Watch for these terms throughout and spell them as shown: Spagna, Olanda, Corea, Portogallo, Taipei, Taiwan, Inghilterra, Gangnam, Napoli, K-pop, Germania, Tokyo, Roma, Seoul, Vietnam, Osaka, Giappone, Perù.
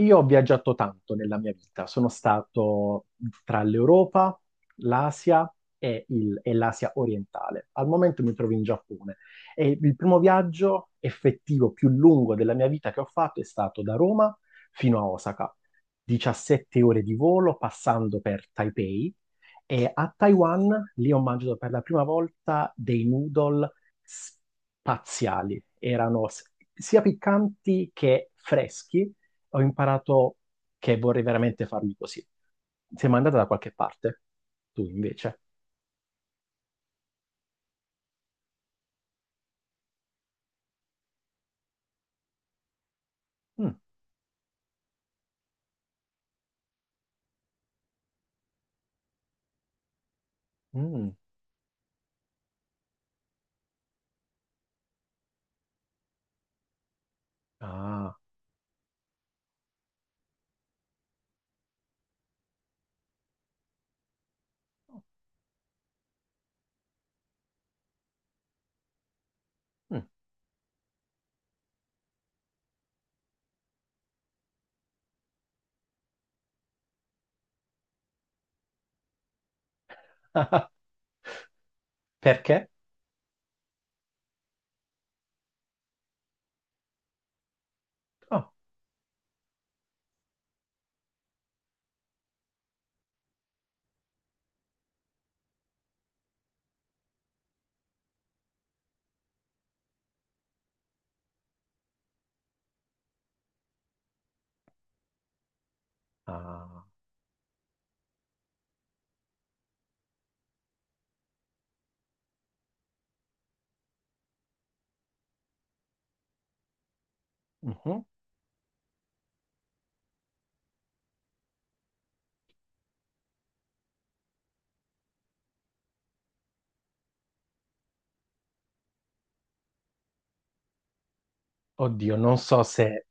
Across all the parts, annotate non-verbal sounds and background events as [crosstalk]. Io ho viaggiato tanto nella mia vita, sono stato tra l'Europa, l'Asia e l'Asia orientale. Al momento mi trovo in Giappone e il primo viaggio effettivo più lungo della mia vita che ho fatto è stato da Roma fino a Osaka, 17 ore di volo passando per Taipei e a Taiwan lì ho mangiato per la prima volta dei noodle spaziali, erano sia piccanti che freschi. Ho imparato che vorrei veramente farli così. Sei mai andata da qualche parte? Tu invece? Mm, mm, ah, mm. [laughs] Perché? Oh, ah, mhm. Oddio, non so se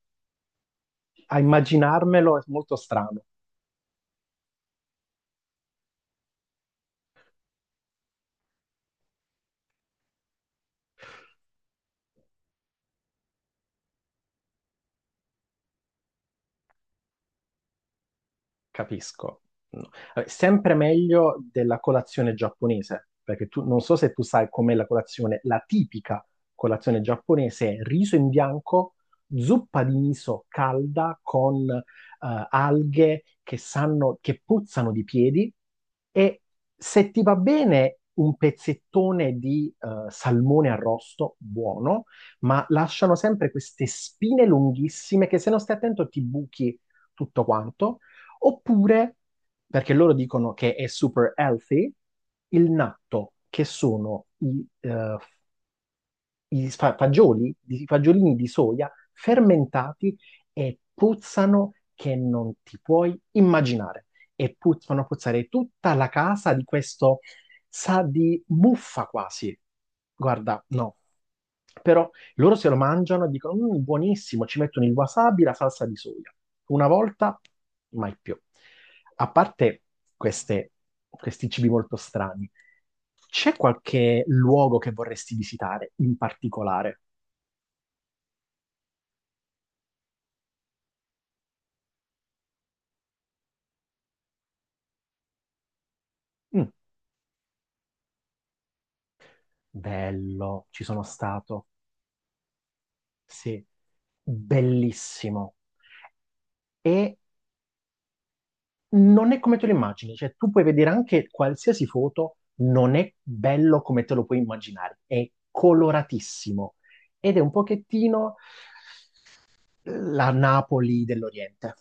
a immaginarmelo è molto strano. Capisco. No. Vabbè, sempre meglio della colazione giapponese, perché tu non so se tu sai com'è la colazione, la tipica colazione giapponese è riso in bianco, zuppa di miso calda con alghe che sanno, che puzzano di piedi e se ti va bene un pezzettone di salmone arrosto, buono, ma lasciano sempre queste spine lunghissime che se non stai attento ti buchi tutto quanto. Oppure, perché loro dicono che è super healthy, il natto, che sono i fagioli, i fagiolini di soia fermentati e puzzano che non ti puoi immaginare. E fanno puzzare tutta la casa di questo, sa di muffa quasi. Guarda, no. Però loro se lo mangiano e dicono, "Mm, buonissimo, ci mettono il wasabi, la salsa di soia." Una volta, mai più. A parte queste- questi cibi molto strani, c'è qualche luogo che vorresti visitare in particolare? Mm, bello, ci sono stato, sì, bellissimo. E non è come te lo immagini, cioè tu puoi vedere anche qualsiasi foto, non è bello come te lo puoi immaginare, è coloratissimo ed è un pochettino la Napoli dell'Oriente.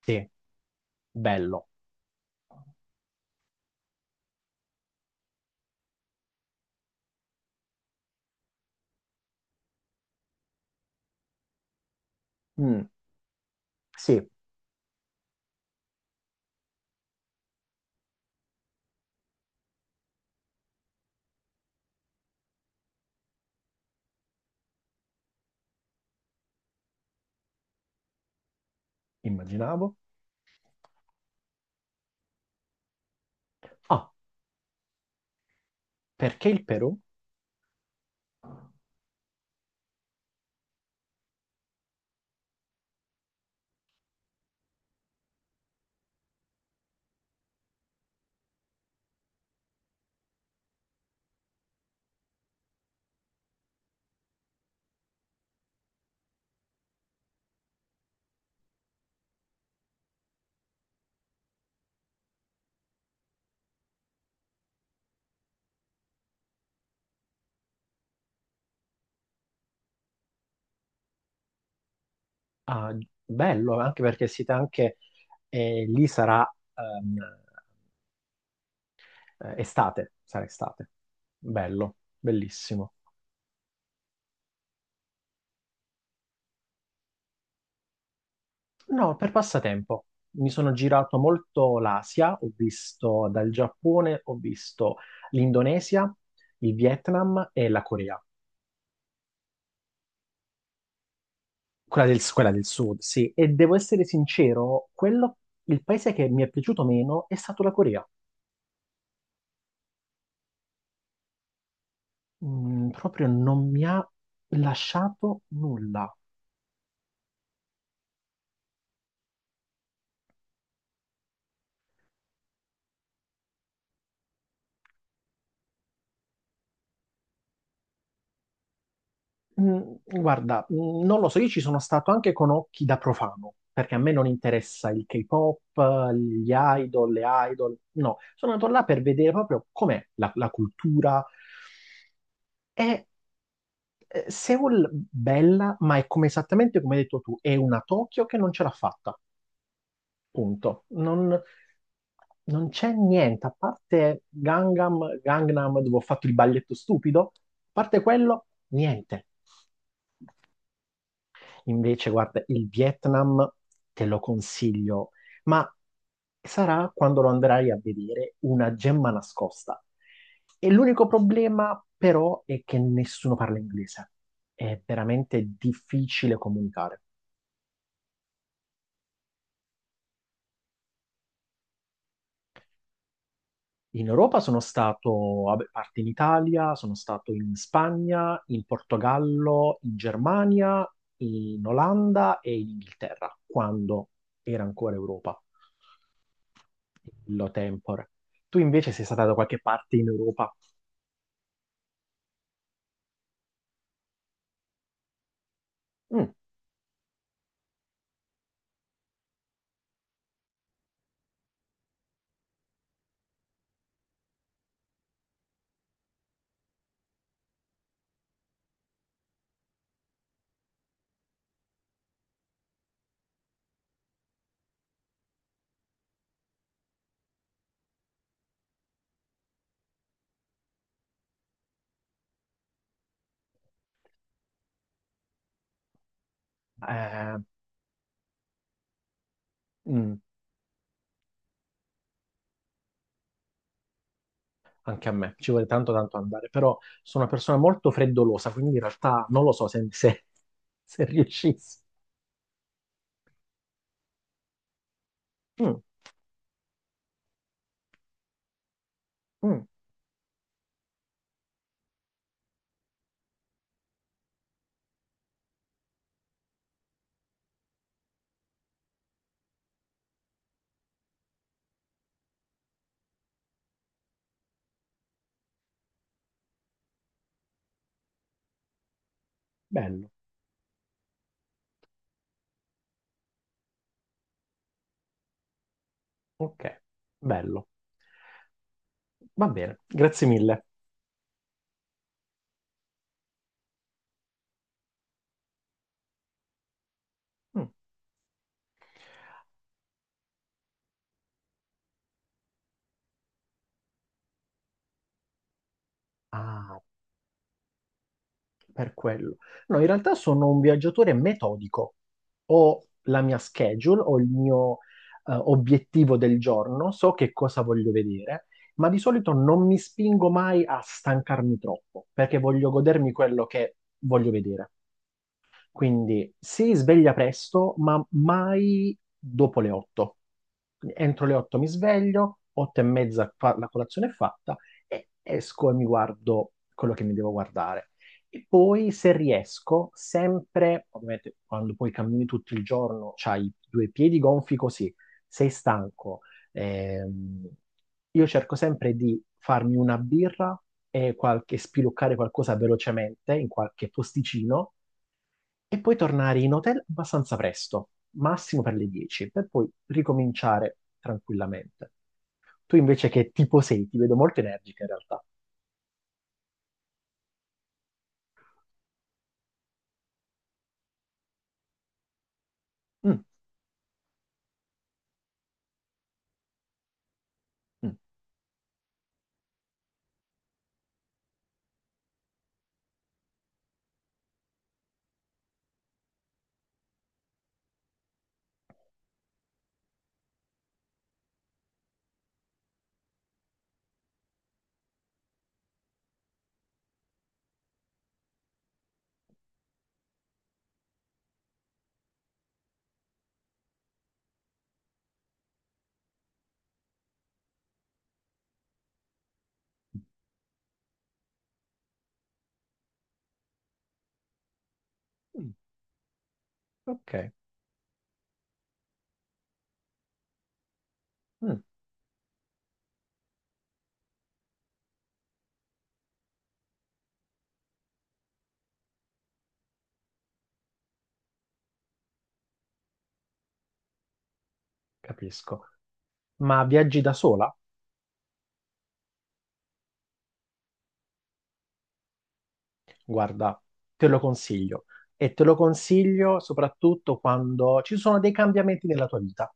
Sì, bello. Mm, sì, immaginavo. Ah, perché il Perù? Ah, bello, anche perché siete anche lì sarà ehm, estate, sarà estate. Bello, bellissimo. No, per passatempo. Mi sono girato molto l'Asia, ho visto dal Giappone, ho visto l'Indonesia, il Vietnam e la Corea. Quella del sud, sì. E devo essere sincero, quello, il paese che mi è piaciuto meno è stato la Corea. Mm, proprio non mi ha lasciato nulla. Mm, guarda, non lo so, io ci sono stato anche con occhi da profano, perché a me non interessa il K-pop, gli idol, le idol, no, sono andato là per vedere proprio com'è la cultura. È Seoul bella, ma è come esattamente come hai detto tu, è una Tokyo che non ce l'ha fatta, punto. Non c'è niente, a parte Gangnam, Gangnam dove ho fatto il balletto stupido, a parte quello, niente. Invece, guarda, il Vietnam te lo consiglio, ma sarà quando lo andrai a vedere una gemma nascosta. E l'unico problema, però, è che nessuno parla inglese. È veramente difficile comunicare. In Europa sono stato, vabbè, a parte in Italia, sono stato in Spagna, in Portogallo, in Germania, in Olanda e in Inghilterra, quando era ancora Europa, lo tempore. Tu invece sei stata da qualche parte in Europa? Mm, eh, mm, anche a me, ci vuole tanto tanto andare, però sono una persona molto freddolosa, quindi in realtà non lo so se riuscissi. Mm, mm, bello, ok, bello. Va bene, grazie mille. Mm. Ah, per quello. No, in realtà sono un viaggiatore metodico. Ho la mia schedule, ho il mio obiettivo del giorno, so che cosa voglio vedere, ma di solito non mi spingo mai a stancarmi troppo, perché voglio godermi quello che voglio vedere. Quindi si sveglia presto, ma mai dopo le 8. Quindi entro le 8 mi sveglio, 8 e mezza la colazione è fatta e esco e mi guardo quello che mi devo guardare. E poi se riesco, sempre, ovviamente quando poi cammini tutto il giorno, c'hai i due piedi gonfi così, sei stanco, ehm, io cerco sempre di farmi una birra e qualche, spiluccare qualcosa velocemente in qualche posticino e poi tornare in hotel abbastanza presto, massimo per le 10, per poi ricominciare tranquillamente. Tu invece che tipo sei, ti vedo molto energica in realtà. Mm, mm, mm, ok, mm, capisco. Ma viaggi da sola? Guarda, te lo consiglio. E te lo consiglio soprattutto quando ci sono dei cambiamenti nella tua vita.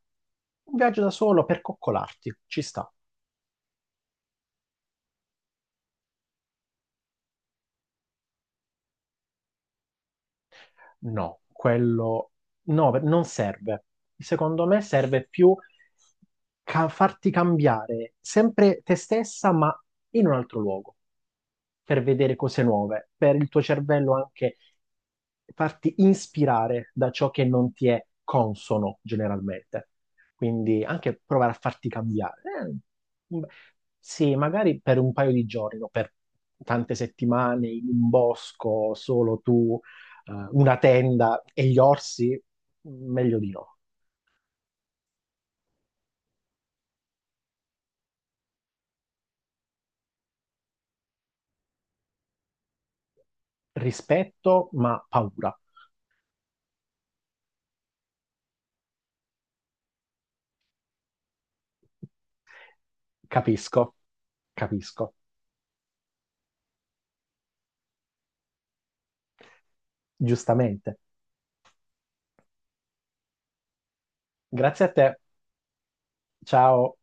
Un viaggio da solo per coccolarti, ci sta. No, quello no, non serve. Secondo me serve più farti cambiare sempre te stessa, ma in un altro luogo, per vedere cose nuove, per il tuo cervello anche farti ispirare da ciò che non ti è consono generalmente. Quindi anche provare a farti cambiare. Un- sì, magari per un paio di giorni, no? Per tante settimane in un bosco, solo tu una tenda e gli orsi, meglio di no. Rispetto, ma paura. Capisco, capisco, giustamente. Grazie a te. Ciao.